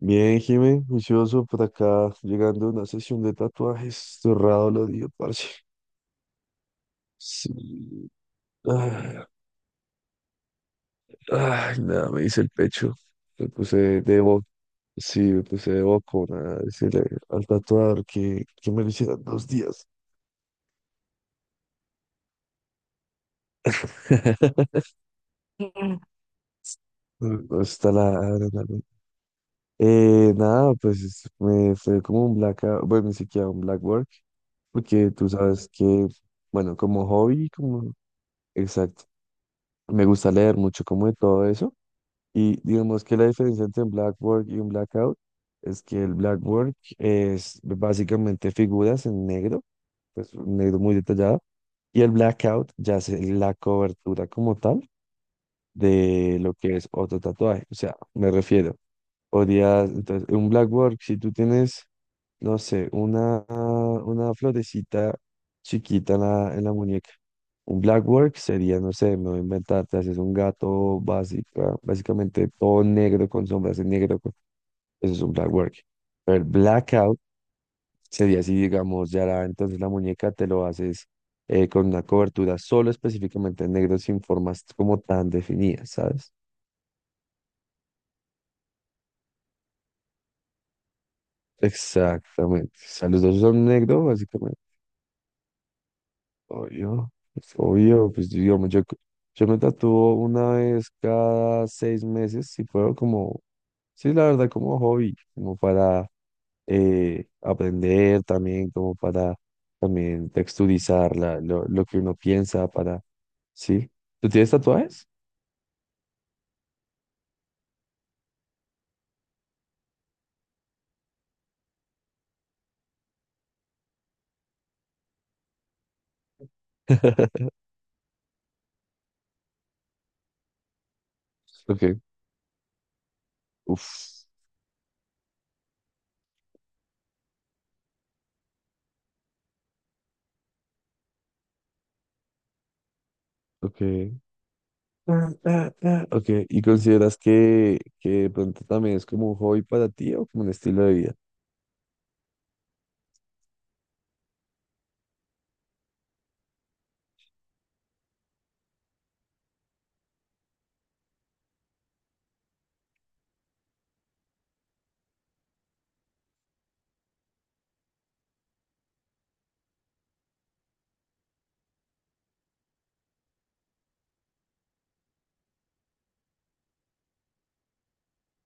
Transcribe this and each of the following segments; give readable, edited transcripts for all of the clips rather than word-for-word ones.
Bien, Jimé, juicioso por acá, llegando a una sesión de tatuajes, cerrado lo dio, parce. Sí. Ay, ay, nada, me hice el pecho, me puse de boca, sí, me puse de boca, nada, decirle al tatuador que me lo hicieran dos días. Mm. No está nada, me fue como un black, bueno, ni siquiera un black work, porque tú sabes que, bueno, como hobby, como... Exacto. Me gusta leer mucho como de todo eso. Y digamos que la diferencia entre un black work y un blackout es que el black work es básicamente figuras en negro, pues un negro muy detallado, y el blackout ya es la cobertura como tal de lo que es otro tatuaje. O sea, me refiero, podrías, entonces, un black work, si tú tienes no sé, una florecita chiquita en la muñeca. Un blackwork sería, no sé, me voy a inventar, te haces un gato básicamente todo negro con sombras en negro, eso es un blackwork. Pero el blackout sería así, digamos, entonces la muñeca te lo haces con una cobertura solo específicamente en negro sin formas como tan definidas, ¿sabes? Exactamente. O sea, los dos son negro, básicamente. Obvio, pues digamos, yo me tatúo una vez cada 6 meses, si puedo, como, sí, la verdad, como hobby, como para aprender también, como para también texturizar lo que uno piensa, para, ¿sí? ¿Tú tienes tatuajes? Ok, uff, ok. Ok, ¿y consideras que de pronto también es como un hobby para ti o como un estilo de vida?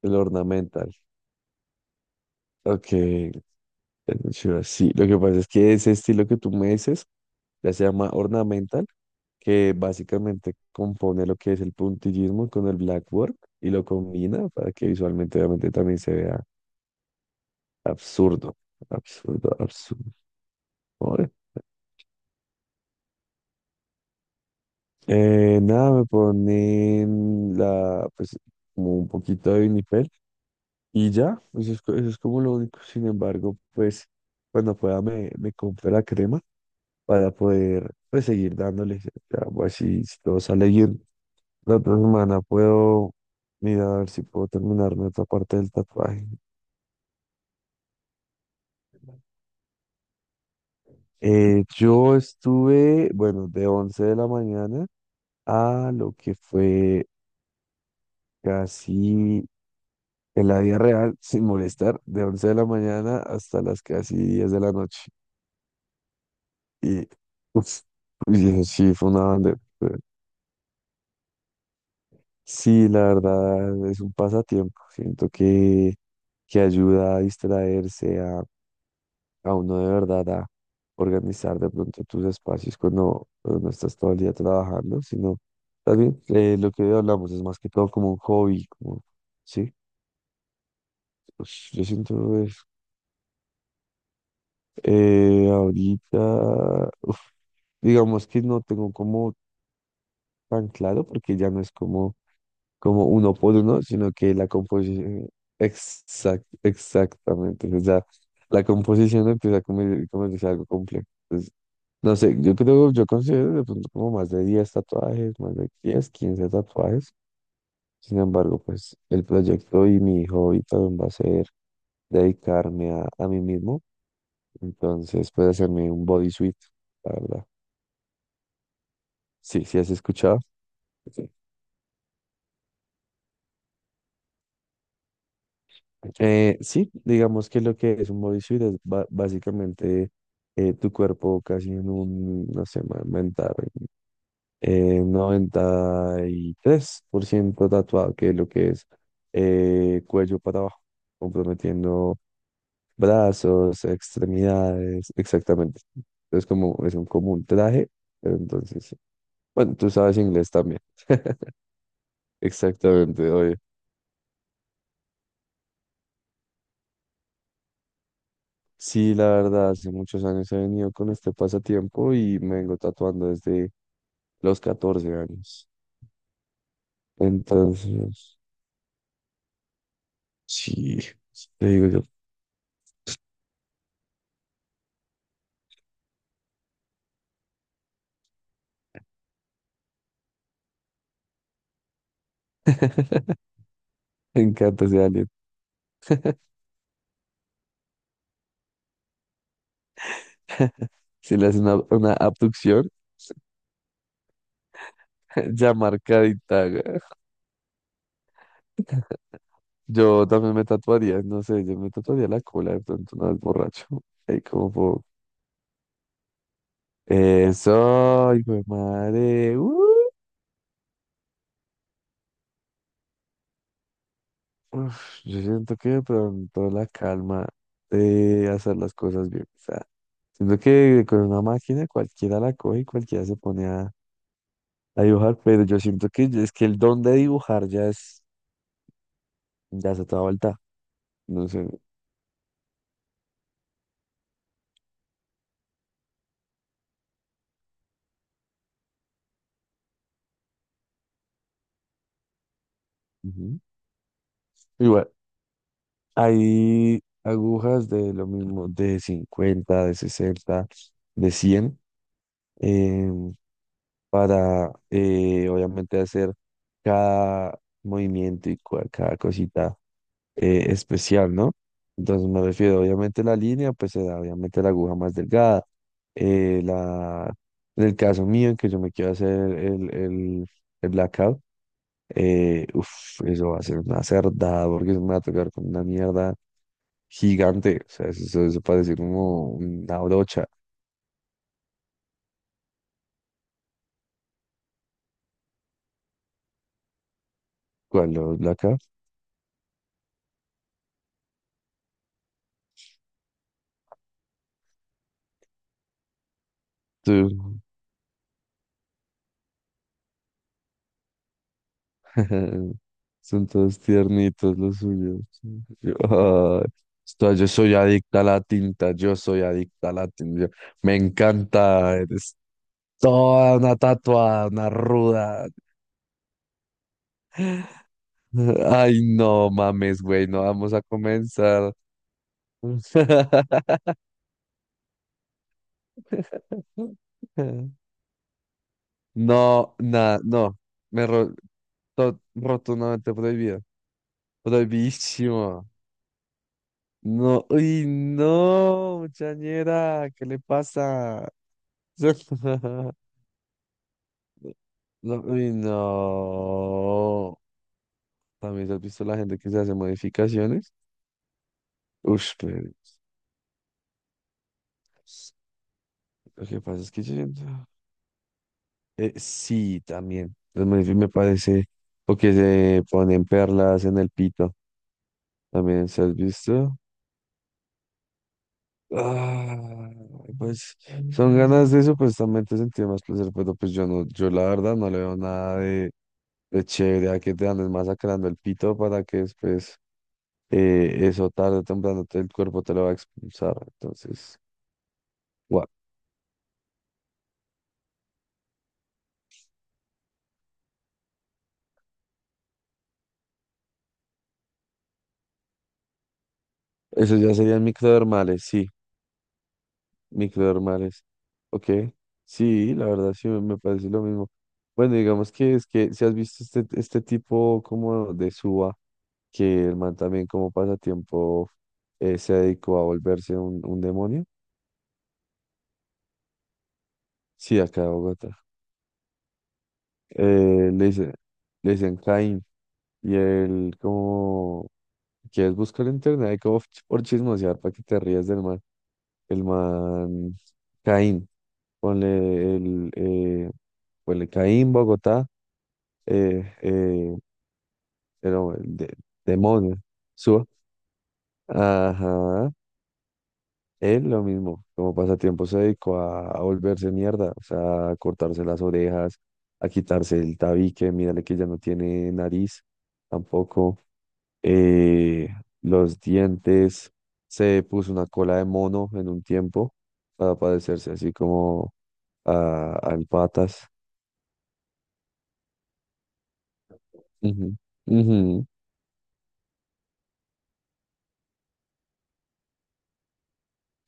El ornamental. Ok, El sí, lo que pasa es que ese estilo que tú me dices ya se llama ornamental, que básicamente compone lo que es el puntillismo con el blackboard y lo combina para que visualmente obviamente también se vea absurdo, absurdo, absurdo. Ahora, nada, me ponen pues, como un poquito de vinipel y ya, eso es, eso es como lo único. Sin embargo, pues, cuando pueda me compro la crema para poder pues seguir dándole. Ya pues, si todo sale bien, la otra semana puedo mirar a ver si puedo terminarme otra parte del tatuaje. Yo estuve, bueno, de 11 de la mañana a lo que fue casi en la vida real, sin molestar, de 11 de la mañana hasta las casi 10 de la noche. Y, uff, y eso sí, fue una banda. Sí, la verdad es un pasatiempo. Siento que ayuda a distraerse, a uno de verdad a organizar de pronto tus espacios cuando no estás todo el día trabajando, sino también lo que hoy hablamos es más que todo como un hobby, como, sí, pues, yo siento eso. Ahorita, uf, digamos que no tengo como tan claro porque ya no es como uno por uno, sino que la composición, exactamente, o sea, la composición empieza a convertirse en algo complejo. Entonces, no sé, yo creo, yo considero de pronto como más de 10 tatuajes, más de 10 15 tatuajes. Sin embargo, pues el proyecto y mi hobby también va a ser dedicarme a mí mismo. Entonces, puede hacerme un bodysuit, la verdad. Sí, ¿sí has escuchado? Sí, digamos que lo que es un bodysuit es básicamente tu cuerpo casi en un, no sé, aumentar 93% tatuado, que es lo que es cuello para abajo, comprometiendo brazos, extremidades, exactamente. Es como, es un, como un traje, pero entonces, sí. Bueno, tú sabes inglés también, exactamente, oye. Sí, la verdad, hace muchos años he venido con este pasatiempo y me vengo tatuando desde los 14 años. Entonces, sí, te digo yo, me encanta ese alien. Si le hacen una abducción, ya marcadita, güey. Yo también me tatuaría, no sé, yo me tatuaría la cola de pronto una vez borracho. Ahí como por... Eso, hijo de madre. ¡Uh! Uf, yo siento que de pronto la calma de hacer las cosas bien. O sea, siento que con una máquina cualquiera la coge y cualquiera se pone a dibujar, pero yo siento que es que el don de dibujar ya es otra vuelta. No sé. Ujú. Igual, hay agujas de lo mismo, de 50, de 60, de 100, em, para obviamente hacer cada movimiento y cada cosita especial, ¿no? Entonces me refiero, obviamente la línea, pues será obviamente la aguja más delgada. Eh, la, en el caso mío, en que yo me quiero hacer el blackout, uf, eso va a ser una cerdada, porque eso me va a tocar con una mierda gigante. O sea, eso parece como una brocha. ¿Cuál los blackouts? Son todos tiernitos los suyos. Yo, ay, yo soy adicta a la tinta, yo soy adicta a la tinta. Me encanta, eres toda una tatuada, una ruda. Ay, no mames, güey, no vamos a comenzar. No, nada, no. Me ro- rotundamente prohibido. Prohibísimo. No, uy, no, muchañera, ¿qué le pasa? No, uy, no. También has visto la gente que se hace modificaciones. Ush, pero lo que pasa es que yo sí, también. Las modificaciones me parece. O que se ponen perlas en el pito. También, ¿se has visto? Ah, pues son ganas de supuestamente sentir más placer, pero pues yo no, yo la verdad no le veo nada de chévere a que te andes masacrando el pito para que después. Eso tarde o temprano el cuerpo te lo va a expulsar. Entonces, wow. Esos ya serían microdermales, sí, microdermales. Ok, sí, la verdad sí me parece lo mismo. Bueno, digamos que es que si has visto este tipo como de suba, que el man también como pasatiempo se dedicó a volverse un demonio. Sí, acá de Bogotá. Eh, le dice- le dicen Caín y él como... ¿Quieres buscar en internet? Hay como por chismosear para que te rías del man. El man Caín, ponle el, eh, ponle Caín, Bogotá, eh, eh, pero demonio, suba. Ajá, él lo mismo, como pasatiempo se dedicó a volverse mierda, o sea, a cortarse las orejas, a quitarse el tabique, mírale que ya no tiene nariz tampoco, eh, los dientes, se puso una cola de mono en un tiempo para padecerse así como al Patas. Ujú, ujú,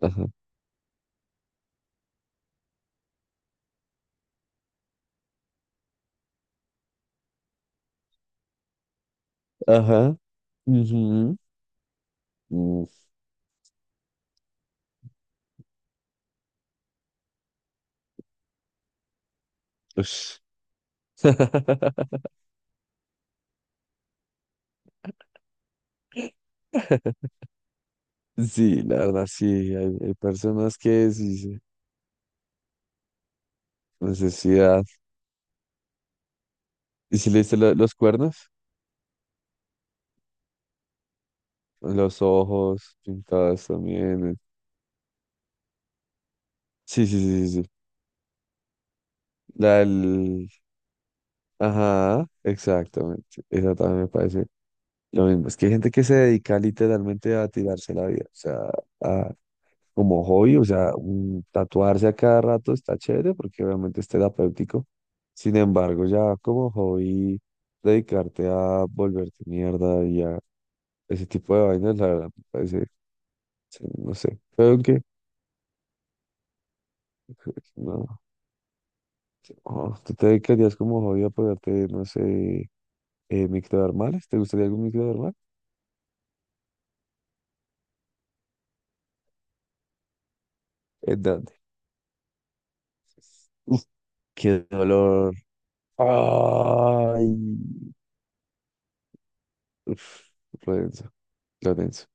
Ajá. Ajá. Ujú, mm, ush. Sí, la verdad, sí. Hay personas que sí, sí, necesidad. ¿Y si le diste los cuernos? Los ojos pintados también. Sí, sí, sí, sí, sí. La del... Ajá, exactamente. Esa también me parece lo mismo. Es que hay gente que se dedica literalmente a tirarse la vida. O sea, a como hobby, o sea, tatuarse a cada rato está chévere porque obviamente es terapéutico. Sin embargo, ya como hobby, dedicarte a volverte mierda y a ese tipo de vainas, la verdad, me parece, sí, no sé. Creo que, no, no, tú te dedicarías como hobby a ponerte, no sé, microdermales, ¿te gustaría algún microdermal? ¿En dónde? Uf, qué dolor. Ay, uf, lo denso, lo denso.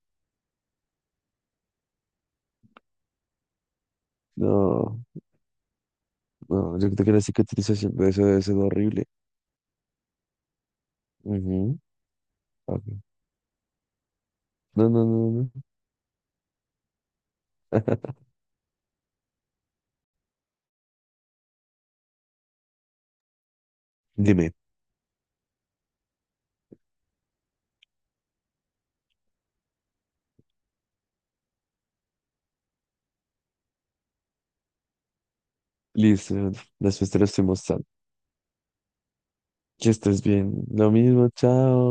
No. No, yo creo que la cicatrización de eso debe ser horrible. Ujú, papi. No, no, no, no. Dime. Listo, Leandro. Después te lo estoy mostrando. Que estés bien. Lo mismo, chao.